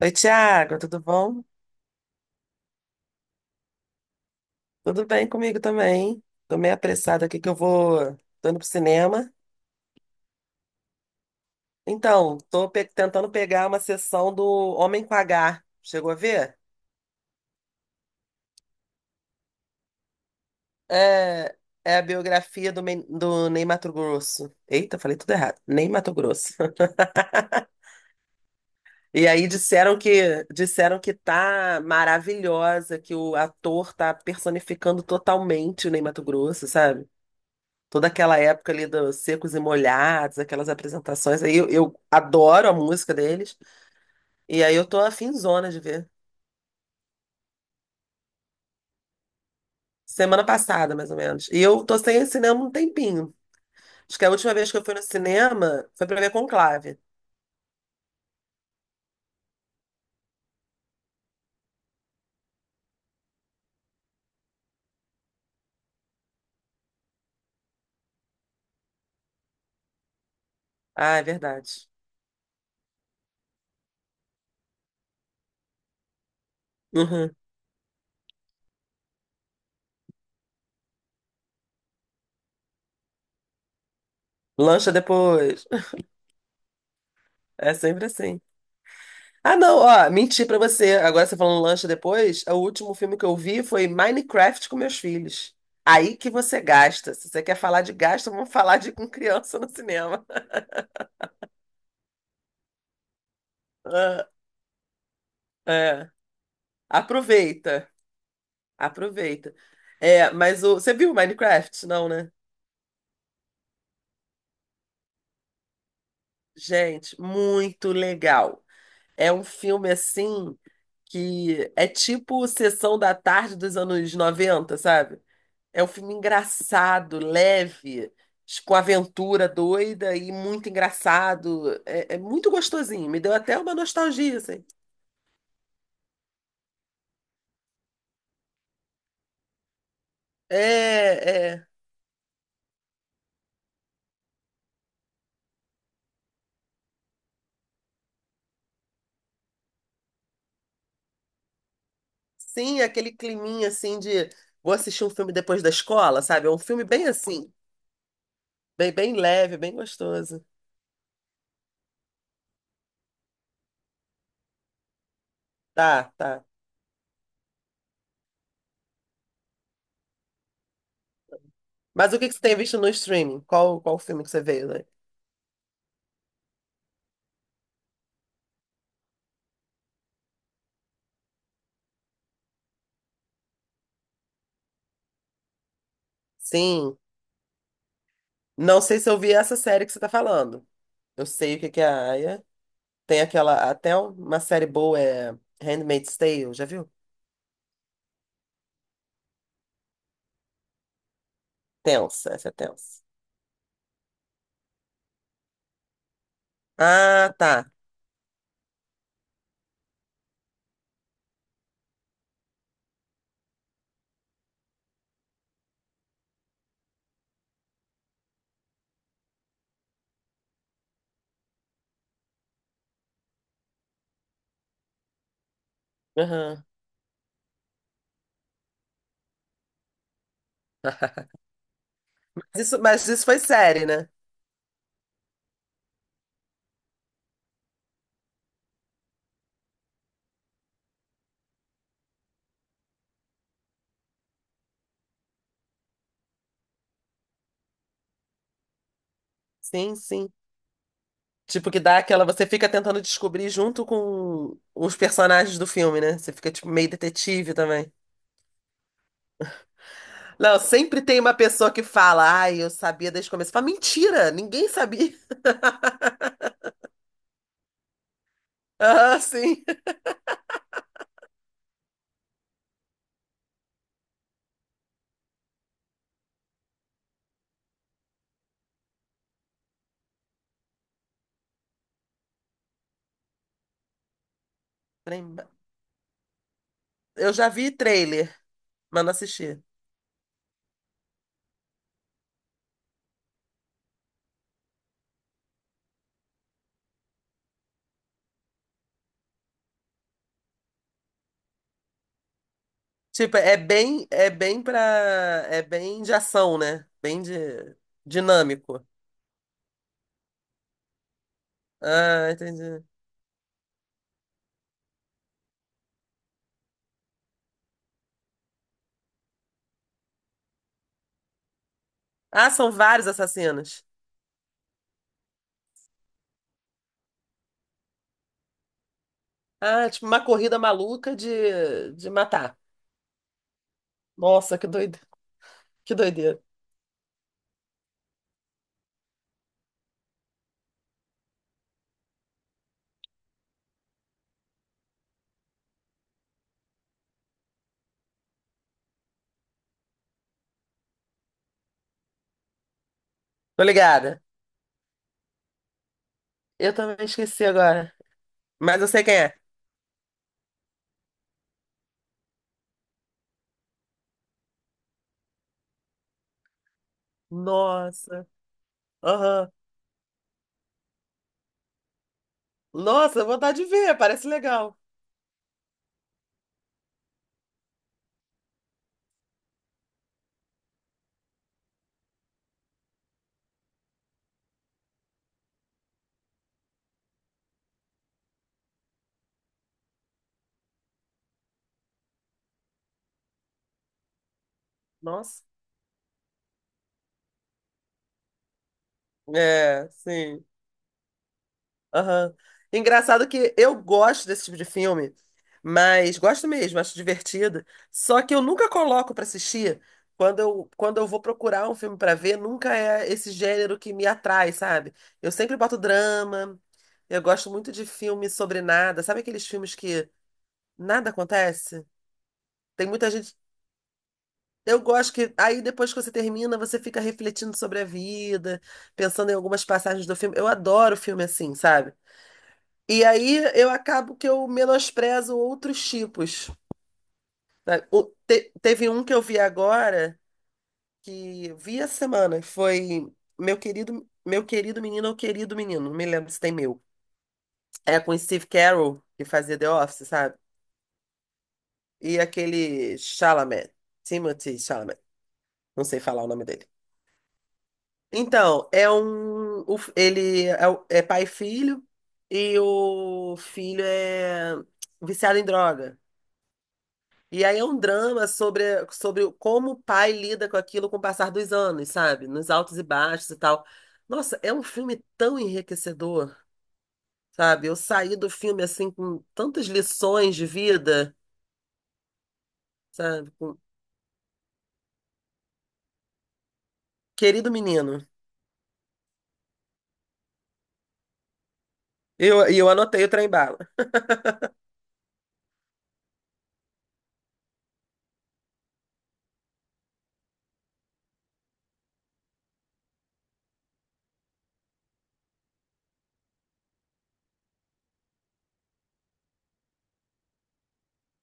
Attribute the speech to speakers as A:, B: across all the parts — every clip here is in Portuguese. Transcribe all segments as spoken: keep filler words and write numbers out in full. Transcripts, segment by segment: A: Oi, Tiago, tudo bom? Tudo bem comigo também. Tô meio apressada aqui que eu vou. Tô indo pro cinema. Então, tô pe- tentando pegar uma sessão do Homem com H. Chegou a ver? É, é a biografia do, Men- do Ney Matogrosso. Eita, falei tudo errado. Ney Matogrosso. E aí disseram que disseram que tá maravilhosa, que o ator tá personificando totalmente o Ney Matogrosso, sabe? Toda aquela época ali dos Secos e Molhados, aquelas apresentações aí, eu, eu adoro a música deles, e aí eu tô afinzona de ver. Semana passada, mais ou menos. E eu tô sem ir ao cinema um tempinho. Acho que a última vez que eu fui no cinema foi pra ver Conclave. Ah, é verdade. Uhum. Lancha depois. É sempre assim. Ah, não, ó, menti pra você. Agora você falando lancha depois, o último filme que eu vi foi Minecraft com meus filhos. Aí que você gasta. Se você quer falar de gasto, vamos falar de com criança no cinema. Ah, é. Aproveita, aproveita. É, mas o, você viu Minecraft? Não, né? Gente, muito legal. É um filme assim que é tipo Sessão da Tarde dos anos noventa, sabe? É um filme engraçado, leve, com aventura doida e muito engraçado. É, é muito gostosinho. Me deu até uma nostalgia, assim. É, é. Sim, aquele climinha assim de vou assistir um filme depois da escola, sabe? É um filme bem assim, bem, bem leve, bem gostoso. Tá, tá. Mas o que que você tem visto no streaming? Qual, qual filme que você veio, né? Sim, não sei se eu vi essa série que você tá falando. Eu sei o que que é a Aya. Tem aquela, até uma série boa é Handmaid's Tale, já viu? Tensa, essa é tensa. Ah, tá. Aham. Mas isso, mas isso foi série, né? Sim, sim. Tipo, que dá aquela. Você fica tentando descobrir junto com os personagens do filme, né? Você fica, tipo, meio detetive também. Não, sempre tem uma pessoa que fala, ai, eu sabia desde o começo. Fala, mentira, ninguém sabia. Ah, sim. Falei, "Ma- Eu já vi trailer, mas não assisti. Tipo, é bem, é bem pra. É bem de ação, né? Bem de dinâmico. Ah, entendi. Ah, são vários assassinos. Ah, tipo, uma corrida maluca de, de matar. Nossa, que doido. Que doideira. Tô ligada. Eu também esqueci agora. Mas eu sei quem é. Nossa. Aham. Nossa, vontade de ver, parece legal. Nossa. É, sim. Aham. Engraçado que eu gosto desse tipo de filme, mas gosto mesmo, acho divertido. Só que eu nunca coloco pra assistir. Quando eu, quando eu vou procurar um filme pra ver, nunca é esse gênero que me atrai, sabe? Eu sempre boto drama. Eu gosto muito de filme sobre nada. Sabe aqueles filmes que nada acontece? Tem muita gente. Eu gosto que aí depois que você termina, você fica refletindo sobre a vida, pensando em algumas passagens do filme. Eu adoro filme assim, sabe? E aí eu acabo que eu menosprezo outros tipos. Sabe? O- te- teve um que eu vi agora que vi essa semana, foi Meu Querido, Meu Querido Menino ou Querido Menino, não me lembro se tem meu. É com Steve Carell, que fazia The Office, sabe? E aquele Chalamet, Timothy Chalamet, não sei falar o nome dele. Então, é um. o f- ele é, o- é pai e filho, e o filho é viciado em droga. E aí é um drama sobre, sobre como o pai lida com aquilo com o passar dos anos, sabe? Nos altos e baixos e tal. Nossa, é um filme tão enriquecedor, sabe? Eu saí do filme assim com tantas lições de vida, sabe? Com- Querido menino. Eu, e eu anotei o trem bala.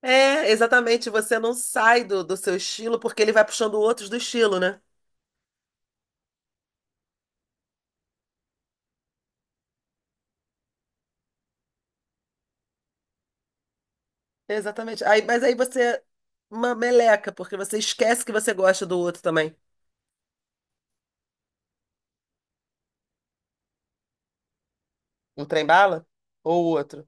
A: É, exatamente, você não sai do, do seu estilo porque ele vai puxando outros do estilo, né? Exatamente. Aí, mas aí você uma meleca, porque você esquece que você gosta do outro também. Um trem bala? Ou o outro?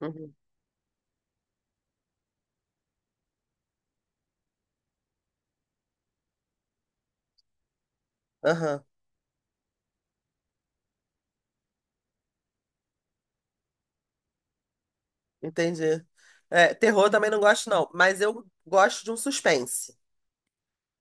A: Uhum. Aham, entendi. É, terror também não gosto, não, mas eu gosto de um suspense.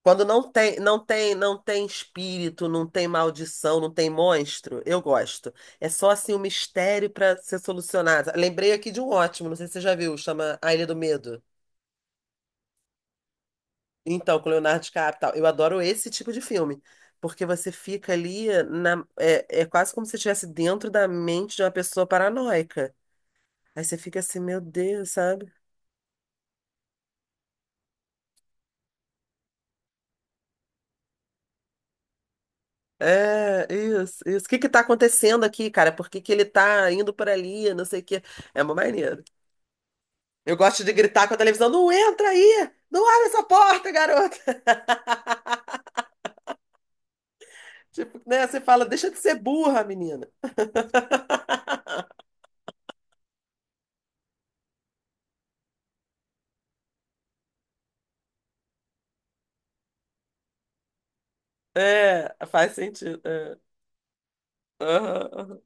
A: Quando não tem, não tem, não tem espírito, não tem maldição, não tem monstro, eu gosto. É só assim um mistério para ser solucionado. Lembrei aqui de um ótimo, não sei se você já viu, chama A Ilha do Medo. Então, com Leonardo DiCaprio, e tal. Eu adoro esse tipo de filme, porque você fica ali na, é, é quase como se você estivesse dentro da mente de uma pessoa paranoica. Aí você fica assim, meu Deus, sabe? É, isso, isso. O que que tá acontecendo aqui, cara? Por que que ele tá indo por ali? Não sei o quê. É uma maneira. Eu gosto de gritar com a televisão, não entra aí! Não abre essa porta, garota! Tipo, né? Você fala, deixa de ser burra, menina. É, faz sentido. É. Aham, aham.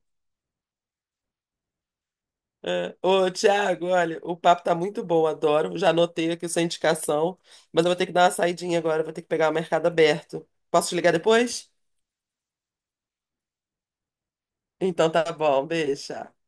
A: É. Ô, Thiago, olha, o papo tá muito bom, adoro. Já anotei aqui sua indicação, mas eu vou ter que dar uma saidinha agora, vou ter que pegar o mercado aberto. Posso te ligar depois? Então tá bom, beijo. Tchau.